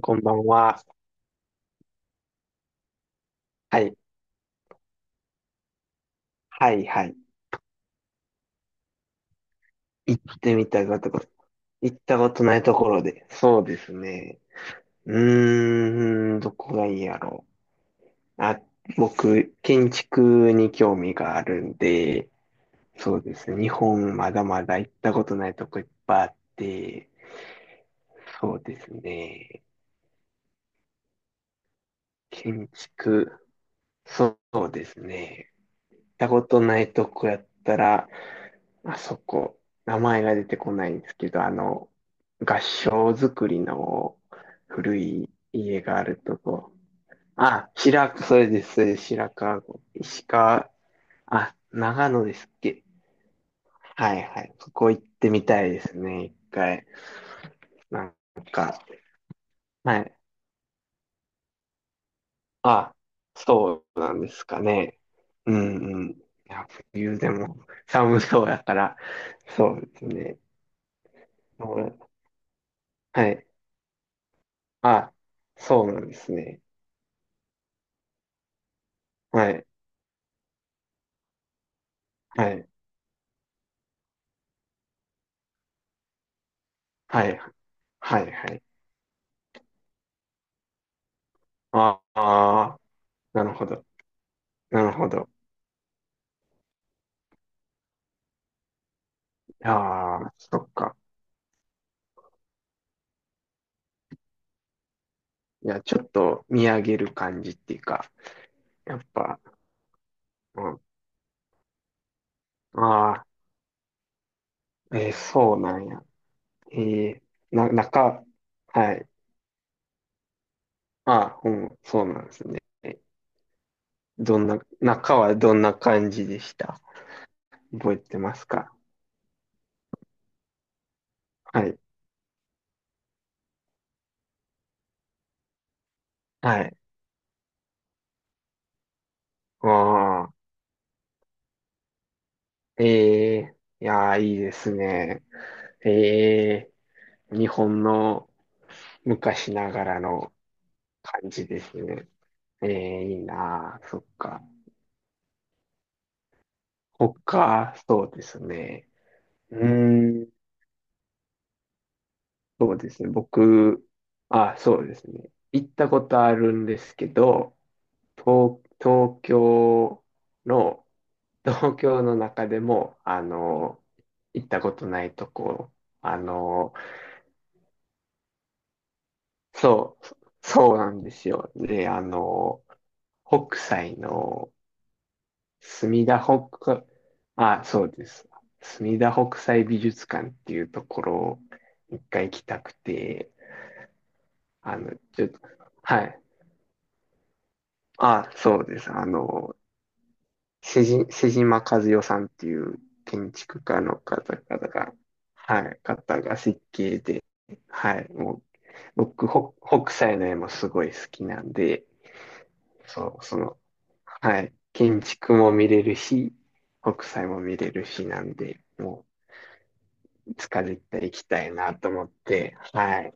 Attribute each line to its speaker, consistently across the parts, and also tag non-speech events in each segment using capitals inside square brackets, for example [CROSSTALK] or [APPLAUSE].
Speaker 1: こんばんは。はい。はい、はい。行ってみたかところ。行ったことないところで。そうですね。どこがいいやろう。あ、僕、建築に興味があるんで、そうですね。日本まだまだ行ったことないとこいっぱいあって、そうですね。建築、そうですね。たことないとこやったら、あそこ、名前が出てこないんですけど、合掌造りの古い家があるとこ。あ、白川、それです、それです、白川郷。石川、あ、長野ですっけ。はいはい。そこ行ってみたいですね、一回。なんか、はい。あ、そうなんですかね。うんうん。いや、冬でも寒そうやから、そうですね。はい。あ、そうなんですね。はい。はい。はい。はい。はい。ああ、なるほど。なるほど。ああ、そっか。いや、ちょっと見上げる感じっていうか、やっぱ、うん。ああ、えーそうなんや。えーな、中、はい。ああ、うん、そうなんですね。どんな、中はどんな感じでした？覚えてますか？はい。はい。ああ、ええいやー、いいですね。え日本の昔ながらの感じですね。いいなあそっか。他、そうですね。うーん、そうですね。僕、あ、そうですね。行ったことあるんですけど、東、東京の、東京の中でも、行ったことないとこ、あの、そう、そうなんですよ。で、北斎の墨田北、あ、そうです。墨田北斎美術館っていうところを一回行きたくて、ちょっと、はい。あ、そうです。瀬島和代さんっていう建築家の方々が、はい、方が設計で、はい、もう、僕、北斎の絵もすごい好きなんで、そう、その、はい。建築も見れるし、北斎も見れるしなんで、もう、いつか絶対行きたいなと思って、はい。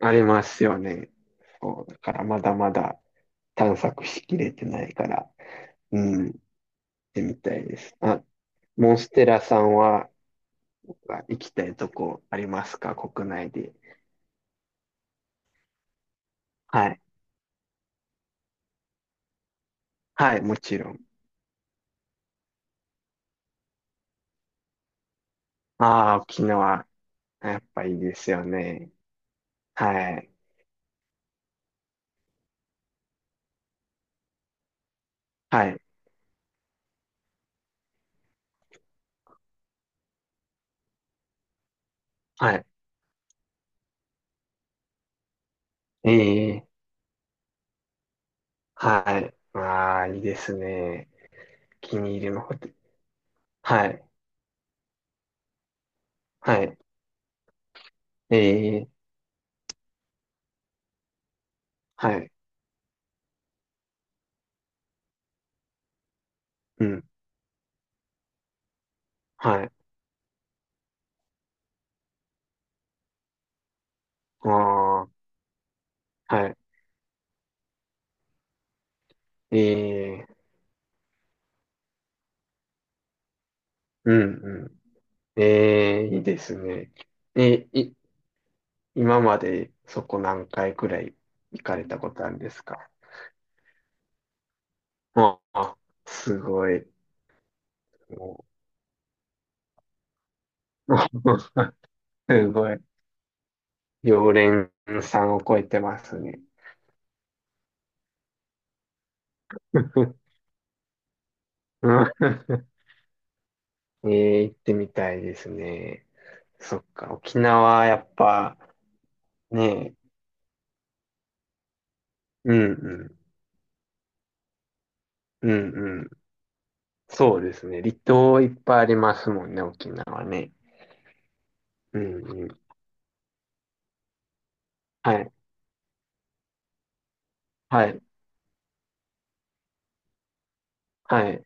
Speaker 1: ありますよね。そう、だからまだまだ探索しきれてないから、うん、行ってみたいです。あ、モンステラさんはあ行きたいとこありますか？国内で。はい。はい、もちろん。ああ、沖縄、やっぱいいですよね。はい。はい。はい。ええはい。ああ、いいですね。お気に入りのホテル。はい。はい。ええ、はい。うん。はい。ああ、はい。ええ、うん、うん。ええ、いいですね。え、い、今までそこ何回くらい行かれたことあるんですか？ああ、すごい。もう [LAUGHS] すごい。常連さんを超えてますね。[LAUGHS] ええ、行ってみたいですね。そっか、沖縄、やっぱ、ねうんうん、うんうん。そうですね。離島いっぱいありますもんね、沖縄ね。うんうん。はい、はい、はい。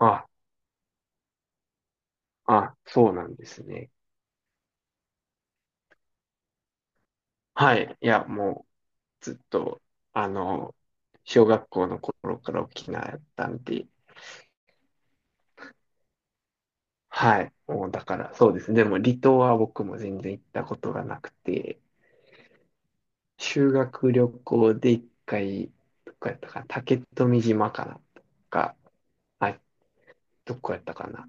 Speaker 1: あ、あ、そうなんですね。はい。いや、もう、ずっと、あの、小学校の頃から沖縄やったんで、はい。もう、だから、そうですね。でも、離島は僕も全然行ったことがなくて、修学旅行で一回、どこやったかな、竹富島かなとか、あ、どこやったかな。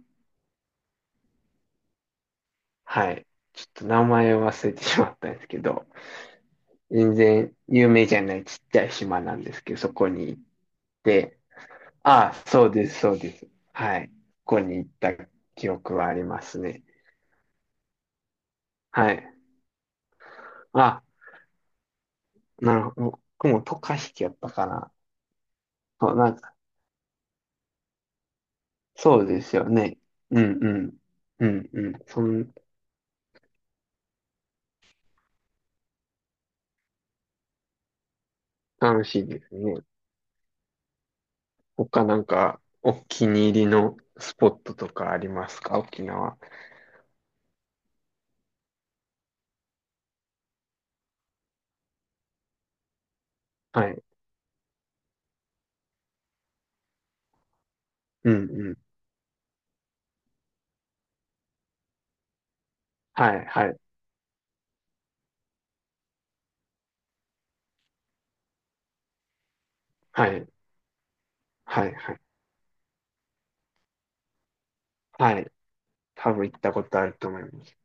Speaker 1: はい。ちょっと名前を忘れてしまったんですけど、全然有名じゃないちっちゃい島なんですけど、そこに行って、ああ、そうです、そうです。はい。ここに行った記憶はありますね。はい。あ、なるほど。僕も渡嘉敷やったかな。そう、なんか、そうですよね。うんうん。うんうん。そん、楽しいですね。他なんかお気に入りのスポットとかありますか？沖縄。はい。うんうん。はい、はい、はい、はい、はい。はい。多分行ったことあると思います。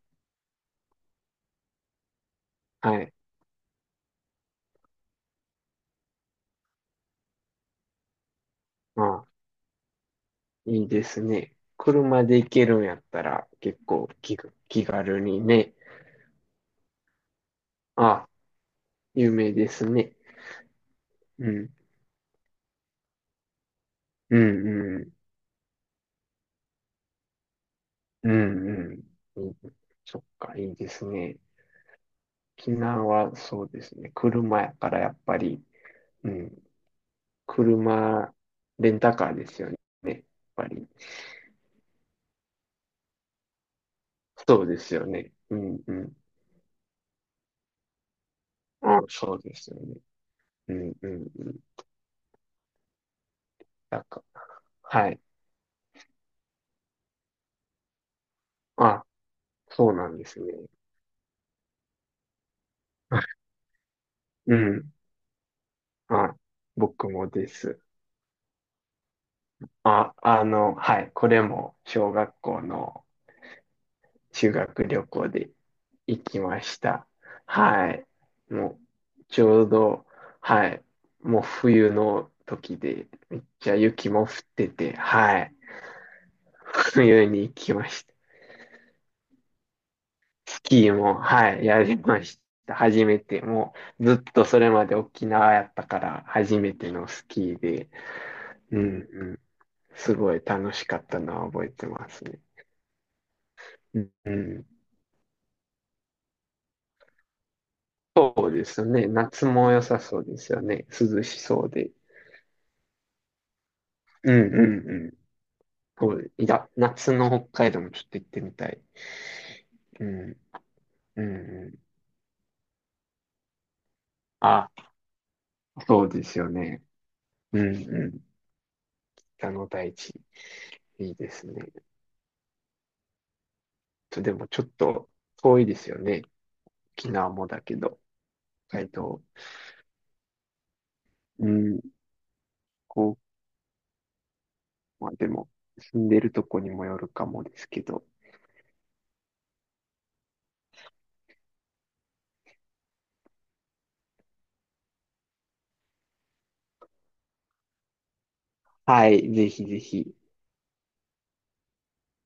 Speaker 1: はい。まあ、いいですね。車で行けるんやったら結構気、気軽にね。あ、有名ですね。うん、うん、うん、うん、うん。うんそっか、いいですね。沖縄はそうですね。車やからやっぱり、うん、車、レンタカーですよね。やっぱり。そうですよね。うんうん。あ、そうですよね。うんうんうん。なんか、はい。あ、そうなんですね。[LAUGHS] うん。あ、僕もです。あ、はい。これも小学校の修学旅行で行きました。はい。もう、ちょうど、はい。もう冬の時で、めっちゃ雪も降ってて、はい。冬に行きました。スキーも、はい、やりました。初めて、もうずっとそれまで沖縄やったから、初めてのスキーで、うんうん、すごい楽しかったのは覚えてますね。うんうん、そうですね。夏も良さそうですよね。涼しそうで。うんうんうん。そういや、夏の北海道もちょっと行ってみたい。うん、うん、うん。あ、そうですよね。うん、うん。北の大地、いいですね。とでもちょっと遠いですよね。沖縄もだけど。はうん、こう、まあでも、住んでるとこにもよるかもですけど。はい、ぜひぜひ。